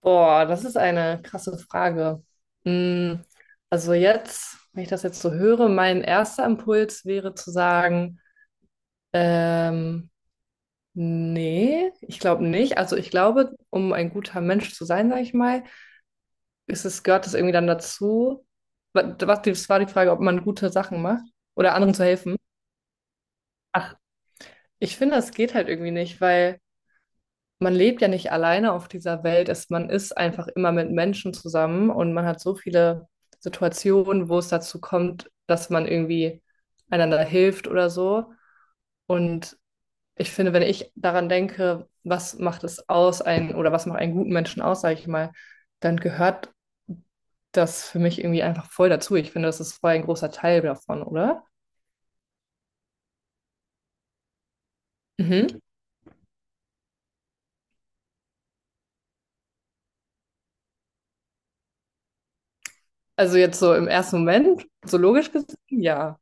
Boah, das ist eine krasse Frage. Mm, also jetzt, wenn ich das jetzt so höre, mein erster Impuls wäre zu sagen, ähm, nee, ich glaube nicht. Also ich glaube, um ein guter Mensch zu sein, sage ich mal, ist es, gehört es irgendwie dann dazu. Was, das war die Frage, ob man gute Sachen macht oder anderen zu helfen. Ach, ich finde, das geht halt irgendwie nicht, weil man lebt ja nicht alleine auf dieser Welt. Es, man ist einfach immer mit Menschen zusammen und man hat so viele Situationen, wo es dazu kommt, dass man irgendwie einander hilft oder so. Und ich finde, wenn ich daran denke, was macht es aus, einen, oder was macht einen guten Menschen aus, sage ich mal, dann gehört das für mich irgendwie einfach voll dazu. Ich finde, das ist voll ein großer Teil davon, oder? Mhm. Also jetzt so im ersten Moment, so logisch gesehen, ja.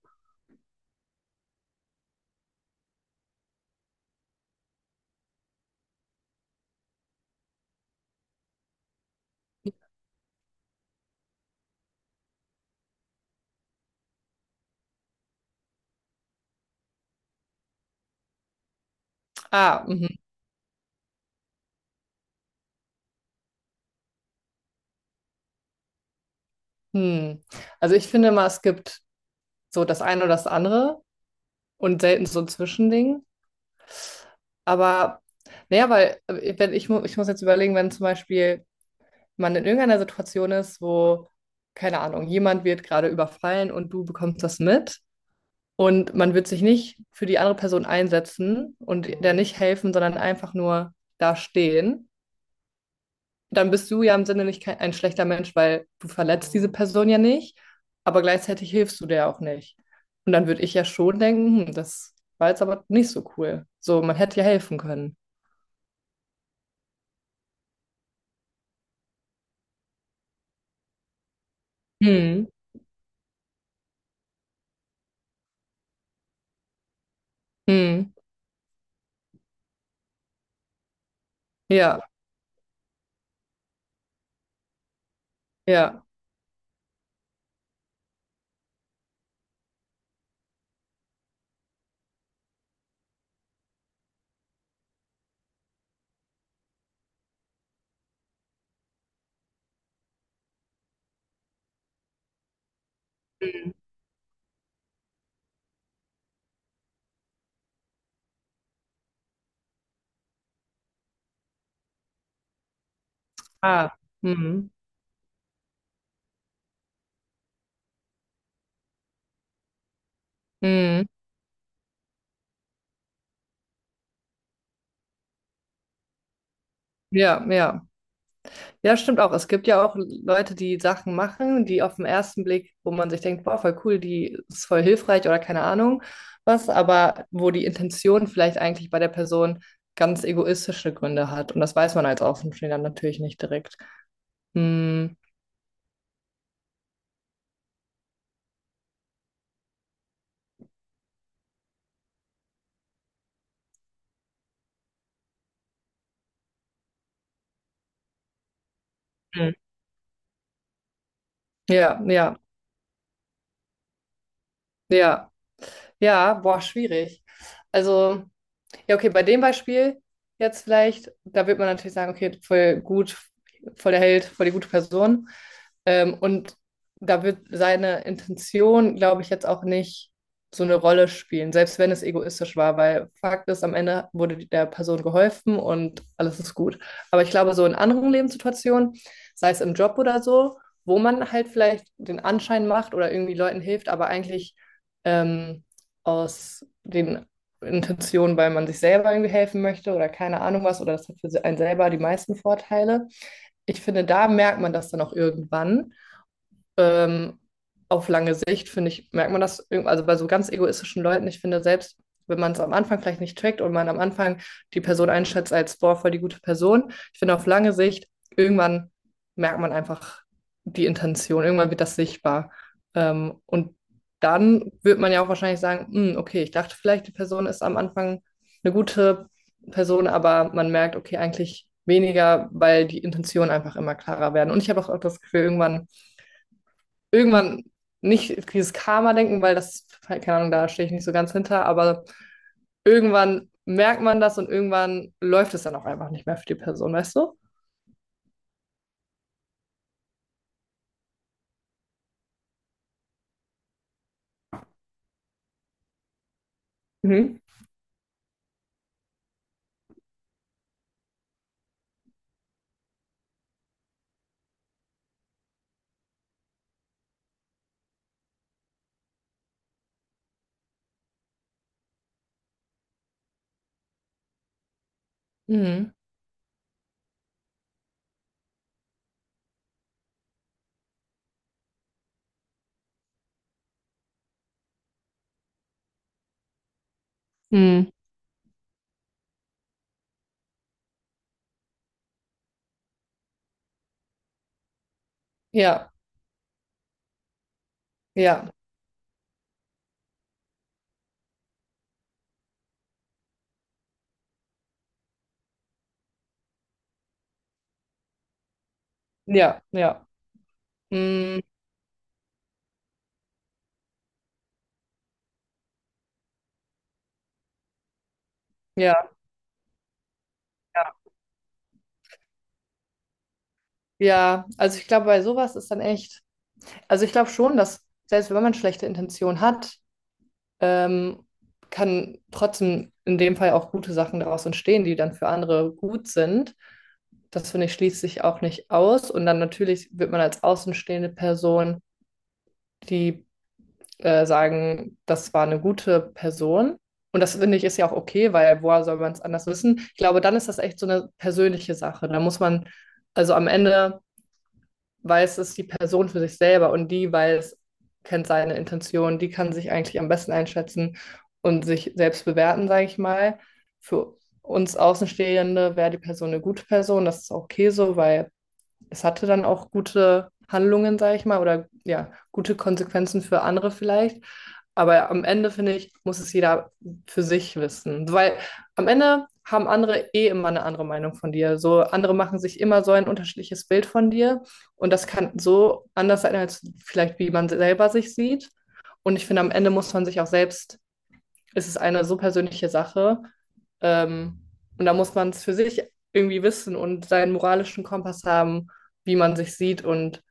Ah, mhm. Hm. Also ich finde mal, es gibt so das eine oder das andere und selten so ein Zwischending. Aber naja, weil wenn ich, ich muss jetzt überlegen, wenn zum Beispiel man in irgendeiner Situation ist, wo, keine Ahnung, jemand wird gerade überfallen und du bekommst das mit und man wird sich nicht für die andere Person einsetzen und der nicht helfen, sondern einfach nur da stehen. Dann bist du ja im Sinne nicht kein, ein schlechter Mensch, weil du verletzt diese Person ja nicht, aber gleichzeitig hilfst du der auch nicht. Und dann würde ich ja schon denken, hm, das war jetzt aber nicht so cool. So, man hätte ja helfen können. Hm, hm, ja, ja. Ah, hm, hm, ja, ja. Ja, stimmt auch. Es gibt ja auch Leute, die Sachen machen, die auf den ersten Blick, wo man sich denkt, boah, voll cool, die ist voll hilfreich oder keine Ahnung was, aber wo die Intention vielleicht eigentlich bei der Person ganz egoistische Gründe hat. Und das weiß man als Außenstehender natürlich nicht direkt. Hm. Mhm. Ja, ja, ja. Ja, boah, schwierig. Also. Ja, okay, bei dem Beispiel jetzt vielleicht, da wird man natürlich sagen, okay, voll gut, voll der Held, voll die gute Person. Und da wird seine Intention, glaube ich, jetzt auch nicht so eine Rolle spielen, selbst wenn es egoistisch war, weil Fakt ist, am Ende wurde der Person geholfen und alles ist gut. Aber ich glaube, so in anderen Lebenssituationen, sei es im Job oder so, wo man halt vielleicht den Anschein macht oder irgendwie Leuten hilft, aber eigentlich ähm, aus den Intention, weil man sich selber irgendwie helfen möchte oder keine Ahnung was, oder das hat für einen selber die meisten Vorteile. Ich finde, da merkt man das dann auch irgendwann ähm, auf lange Sicht, finde ich, merkt man das, also bei so ganz egoistischen Leuten, ich finde selbst, wenn man es am Anfang vielleicht nicht trackt und man am Anfang die Person einschätzt als, boah, voll die gute Person, ich finde auf lange Sicht, irgendwann merkt man einfach die Intention, irgendwann wird das sichtbar. Und dann wird man ja auch wahrscheinlich sagen, "Hm, okay, ich dachte vielleicht, die Person ist am Anfang eine gute Person, aber man merkt, okay, eigentlich weniger, weil die Intentionen einfach immer klarer werden. Und ich habe auch das Gefühl, irgendwann nicht dieses Karma-Denken, weil das, keine Ahnung, da stehe ich nicht so ganz hinter, aber irgendwann merkt man das und irgendwann läuft es dann auch einfach nicht mehr für die Person, weißt du? Mhm. Mhm. Mhm. Ja, ja, ja, ja. Mhm. Ja, ja, ja. Also ich glaube, bei sowas ist dann echt, also ich glaube schon, dass selbst wenn man schlechte Intention hat, ähm, kann trotzdem in dem Fall auch gute Sachen daraus entstehen, die dann für andere gut sind. Das finde ich schließt sich auch nicht aus. Und dann natürlich wird man als außenstehende Person, die sagen, das war eine gute Person. Und das finde ich ist ja auch okay, weil woher soll man es anders wissen? Ich glaube, dann ist das echt so eine persönliche Sache. Da muss man, also am Ende weiß es die Person für sich selber und die weiß, kennt seine Intention, die kann sich eigentlich am besten einschätzen und sich selbst bewerten, sage ich mal. Für uns Außenstehende wäre die Person eine gute Person, das ist okay so, weil es hatte dann auch gute Handlungen, sage ich mal, oder ja, gute Konsequenzen für andere vielleicht. Aber am Ende, finde ich, muss es jeder für sich wissen. Weil am Ende haben andere eh immer eine andere Meinung von dir. So andere machen sich immer so ein unterschiedliches Bild von dir. Und das kann so anders sein, als vielleicht wie man selber sich sieht. Und ich finde, am Ende muss man sich auch selbst ist es eine so persönliche Sache. Ähm, und da muss man es für sich irgendwie wissen und seinen moralischen Kompass haben, wie man sich sieht und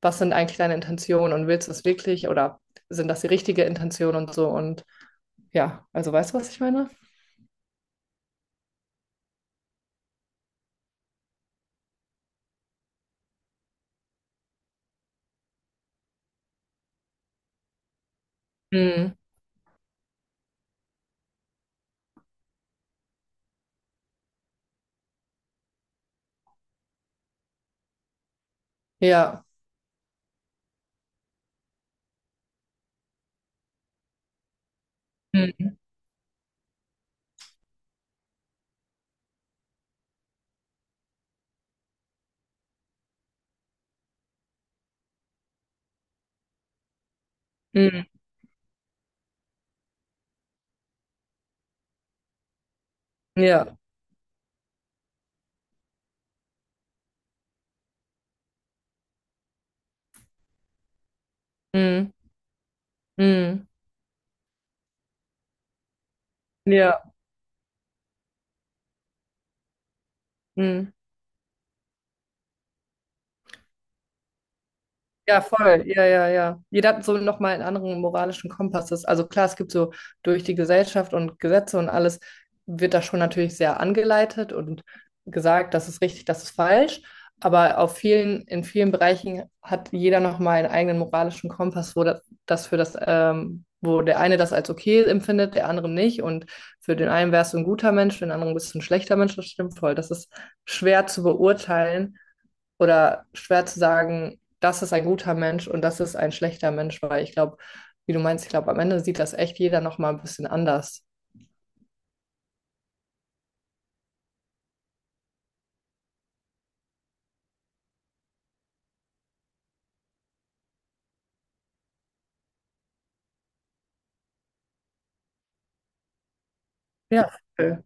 was sind eigentlich deine Intentionen und willst du es wirklich oder sind das die richtige Intention und so. Und ja, also weißt du, was ich meine? Mm, ja. Mm, mm, ja. Mm, mm, ja. Mm. Ja, voll. Ja, ja, ja. Jeder hat so nochmal einen anderen moralischen Kompass. Das- Also klar, es gibt so durch die Gesellschaft und Gesetze und alles wird da schon natürlich sehr angeleitet und gesagt, das ist richtig, das ist falsch. Aber auf vielen, in vielen Bereichen hat jeder nochmal einen eigenen moralischen Kompass, wo das, das für das, wo der eine das als okay empfindet, der andere nicht. Und für den einen wärst du ein guter Mensch, für den anderen bist du ein schlechter Mensch. Das stimmt voll. Das ist schwer zu beurteilen oder schwer zu sagen, das ist ein guter Mensch und das ist ein schlechter Mensch, weil ich glaube, wie du meinst, ich glaube, am Ende sieht das echt jeder nochmal ein bisschen anders. Ja. Äh,